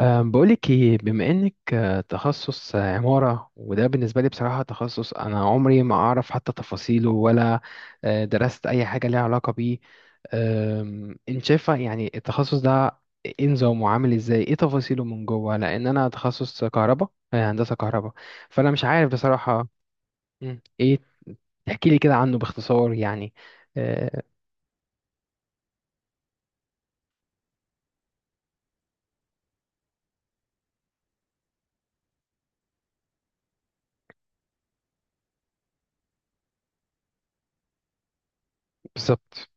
بقولك ايه، بما انك تخصص عمارة، وده بالنسبة لي بصراحة تخصص انا عمري ما اعرف حتى تفاصيله ولا درست اي حاجة ليها علاقة بيه. انت شايفة يعني التخصص ده ايه نظامه، عامل ازاي، ايه تفاصيله من جوه، لان انا تخصص كهرباء، هندسة كهرباء، فانا مش عارف بصراحة. ايه، تحكي لي كده عنه باختصار يعني. أه، بالظبط.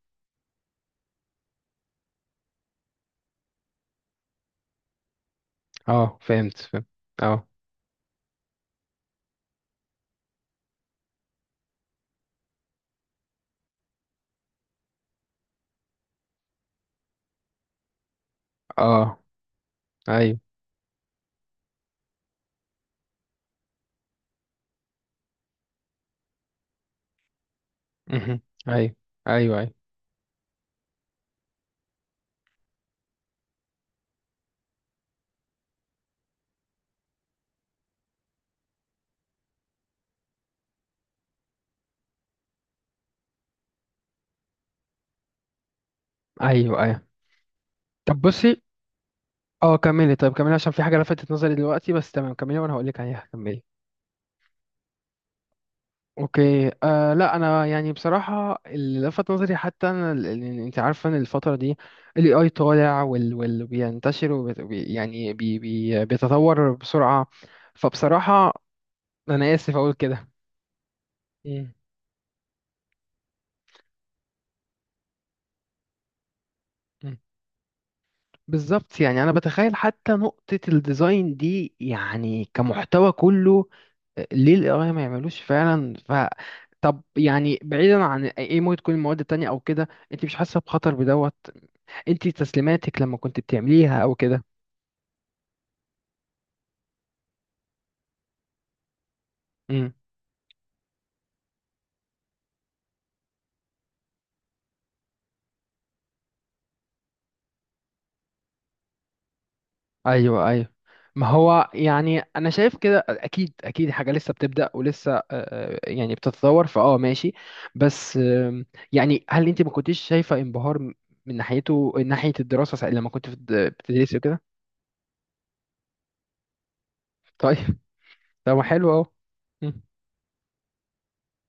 اه فهمت فهمت. اه. اه. ايوه. مهم. ايوه. ايوه ايوه. ايوه ايوه طب بصي، اه كملي، طيب كملي، عشان في حاجه لفتت نظري دلوقتي، بس تمام كملي وانا هقول لك عليها، كملي. اوكي. لا انا يعني بصراحه اللي لفت نظري حتى انا يعني انت عارفه ان الفتره دي الاي اي طالع، وال بينتشر وبت- وبي يعني بي بي بيتطور بسرعه، فبصراحه انا اسف اقول كده. مم. مم. بالظبط، يعني انا بتخيل حتى نقطه الديزاين دي يعني كمحتوى كله ليه القراية ما يعملوش فعلا ف، طب يعني بعيدا عن ايه، إيه ممكن تكون المواد التانية او كده، انت مش حاسة بخطر بدوت، انت تسليماتك لما كنت بتعمليها او كده؟ امم. ايوه ايوه. ما هو يعني انا شايف كده، اكيد اكيد حاجة لسه بتبدأ ولسه يعني بتتطور، ماشي. بس يعني هل انت ما كنتيش شايفة انبهار من ناحيته، من ناحية الدراسة لما كنت في بتدرسي وكده؟ طيب. طب ما حلو اهو. مم.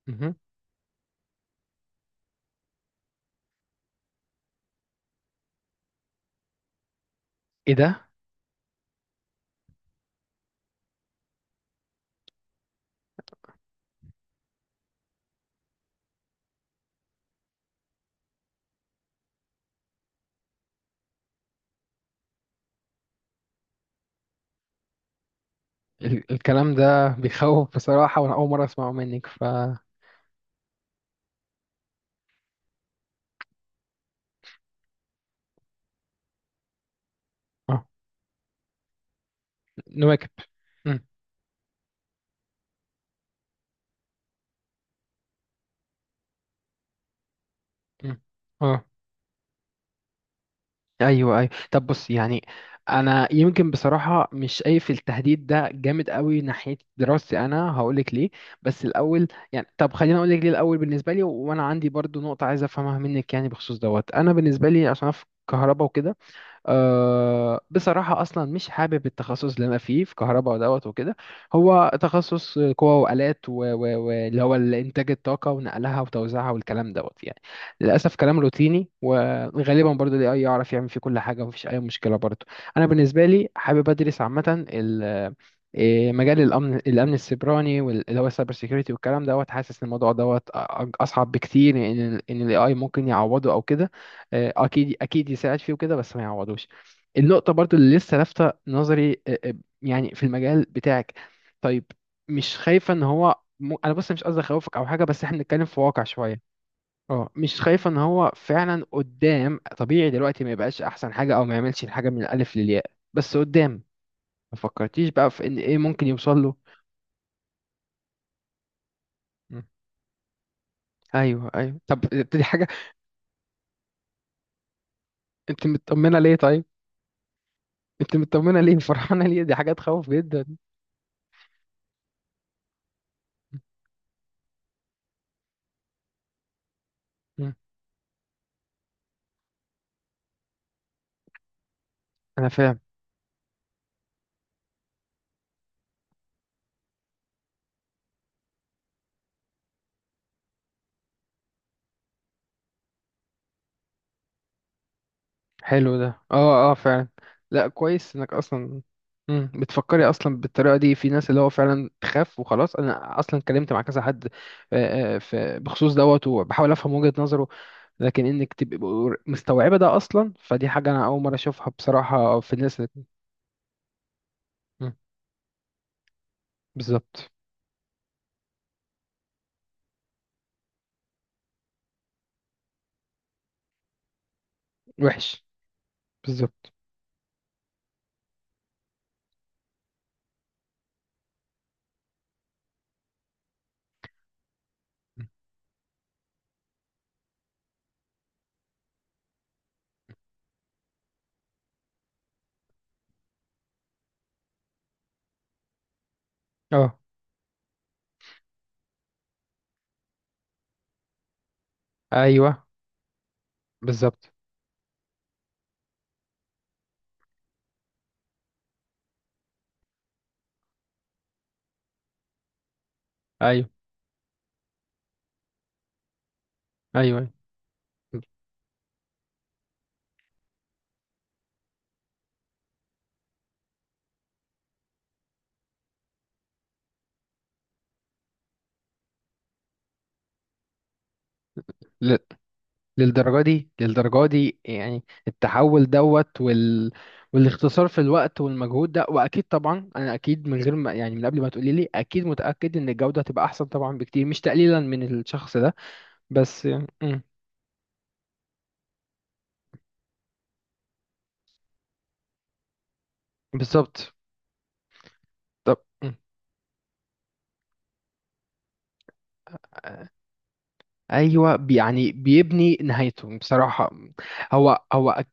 مهم. ايه ده؟ الكلام ده بيخوف بصراحة، وأنا أول مرة أسمعه منك ف نواكب. مم، مم. اه. أيوه أيوه طب، بص يعني أنا يمكن بصراحة مش شايف التهديد ده جامد قوي ناحية دراستي، أنا هقولك ليه، بس الأول يعني طب خليني أقولك ليه الأول بالنسبة لي، و- وأنا عندي برضو نقطة عايز أفهمها منك يعني بخصوص دوت. أنا بالنسبة لي عشان أنا في كهرباء وكده، بصراحة أصلا مش حابب التخصص اللي أنا فيه في كهرباء ودوت وكده. هو تخصص قوى وآلات واللي هو إنتاج الطاقة ونقلها وتوزيعها والكلام دوت يعني، للأسف كلام روتيني وغالبا برضو ال AI يعرف يعمل فيه كل حاجة ومفيش أي مشكلة برضو. أنا بالنسبة لي حابب أدرس عامة إيه، مجال الأمن، الأمن السيبراني واللي هو السايبر سيكيورتي والكلام دوت. حاسس إن الموضوع دوت أصعب بكتير، إن ال AI ممكن يعوضه أو كده. اكيد اكيد يساعد فيه وكده بس ما يعوضوش. النقطه برضو اللي لسه لافته نظري يعني في المجال بتاعك، طيب، مش خايفه ان هو انا بص مش قصدي اخوفك او حاجه، بس احنا بنتكلم في واقع شويه، اه مش خايفه ان هو فعلا قدام طبيعي دلوقتي ما يبقاش احسن حاجه او ما يعملش الحاجه من الالف للياء، بس قدام ما فكرتيش بقى في ان ايه ممكن يوصل له؟ مم. ايوه ايوه طب، دي حاجه، انت مطمنه ليه طيب؟ انت مطمنه ليه فرحانه ليه؟ دي حاجه تخوف جدا. مم. انا فاهم. حلو ده، اه اه فعلا، لا كويس انك اصلا. مم. بتفكري اصلا بالطريقه دي، في ناس اللي هو فعلا تخاف وخلاص، انا اصلا اتكلمت مع كذا حد في بخصوص دوت وبحاول افهم وجهه نظره، لكن انك تبقي مستوعبه ده اصلا فدي حاجه انا اول مره اشوفها بصراحه في الناس مم. بالظبط. وحش. بالظبط. اه ايوه بالظبط. ايوه ايوه. أيوه. ل- للدرجة دي، للدرجة دي يعني التحول دوت وال...، والاختصار في الوقت والمجهود ده، وأكيد طبعا أنا أكيد من غير ما يعني من قبل ما تقولي لي، أكيد متأكد إن الجودة هتبقى أحسن طبعا بكتير، مش تقليلا من الشخص ده، بس. مم. بالظبط. طب. مم. ايوه، يعني بيبني نهايته بصراحه، هو هو.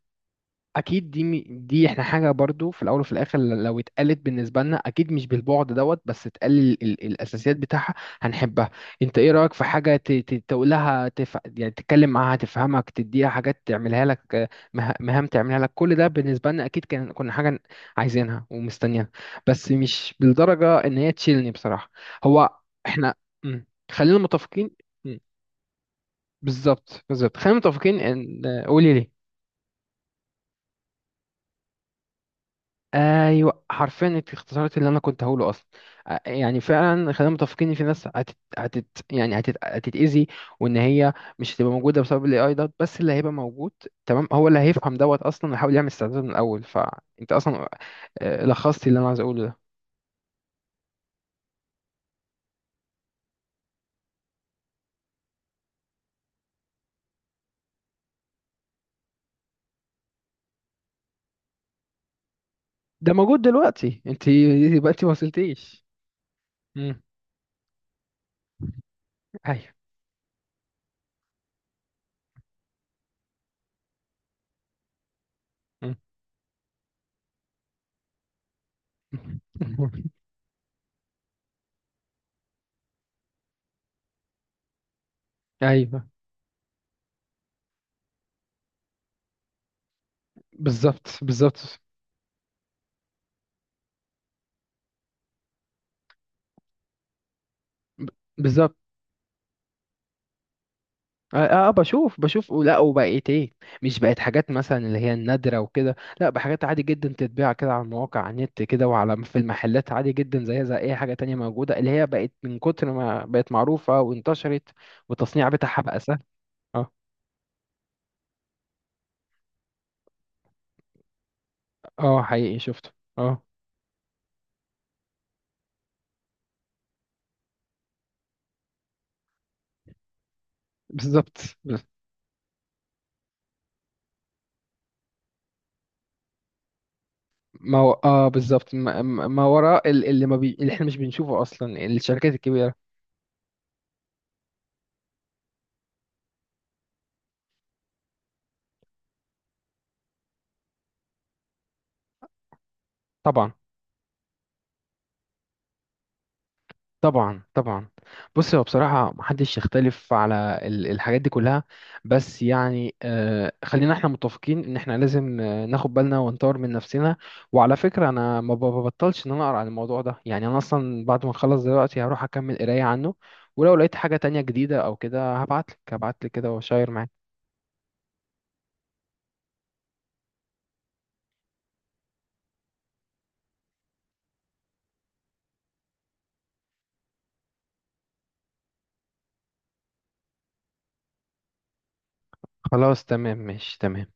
اكيد دي دي احنا حاجه برضو في الاول وفي الاخر، لو اتقالت بالنسبه لنا اكيد مش بالبعد دوت، بس اتقال الاساسيات بتاعها هنحبها. انت ايه رايك في حاجه تقولها يعني تتكلم معاها تفهمك، تديها حاجات تعملها لك، مهام تعملها لك، كل ده بالنسبه لنا اكيد كان كنا حاجه عايزينها ومستنيينها، بس مش بالدرجه ان هي تشيلني بصراحه، هو احنا. مم. خلينا متفقين. مم. بالظبط بالظبط، خلينا متفقين ان، قولي ليه. ايوه حرفيا انت اختصرت اللي انا كنت هقوله اصلا. يعني فعلا خلينا متفقين ان في ناس هتت...، هتت...، يعني هتت...، هتتاذي، وان هي مش هتبقى موجوده بسبب الاي اي دوت، بس اللي هيبقى موجود تمام هو اللي هيفهم دوت اصلا ويحاول يعمل استعداد من الاول، فانت اصلا لخصتي اللي انا عايز اقوله ده. ده موجود دلوقتي، انت يبقى انت ما وصلتيش. امم. ايوه. مم. ايوه بالظبط بالظبط، ب- بالظبط. اه بشوف بشوف، لا وبقيت ايه، مش بقت حاجات مثلا اللي هي النادرة وكده، لا، بحاجات عادي جدا تتباع كده على المواقع، على النت كده، وعلى في المحلات عادي جدا زيها زي اي حاجة تانية موجودة، اللي هي بقت من كتر ما بقت معروفة وانتشرت، والتصنيع بتاعها بقى سهل. اه. اه حقيقي شفته. اه. بالظبط، ما هو اه بالظبط، ما وراء اللي ما بي... اللي احنا مش بنشوفه اصلا الشركات الكبيرة. طبعا. طبعا طبعا. بص هو بصراحة محدش يختلف على الحاجات دي كلها، بس يعني آه خلينا احنا متفقين ان احنا لازم ناخد بالنا ونطور من نفسنا، وعلى فكرة انا ما ببطلش ان انا اقرا عن الموضوع ده، يعني انا اصلا بعد ما اخلص دلوقتي هروح اكمل قراية عنه، ولو لقيت حاجة تانية جديدة او كده هبعتلك، هبعتلك كده واشير معاك. خلاص تمام ماشي تمام.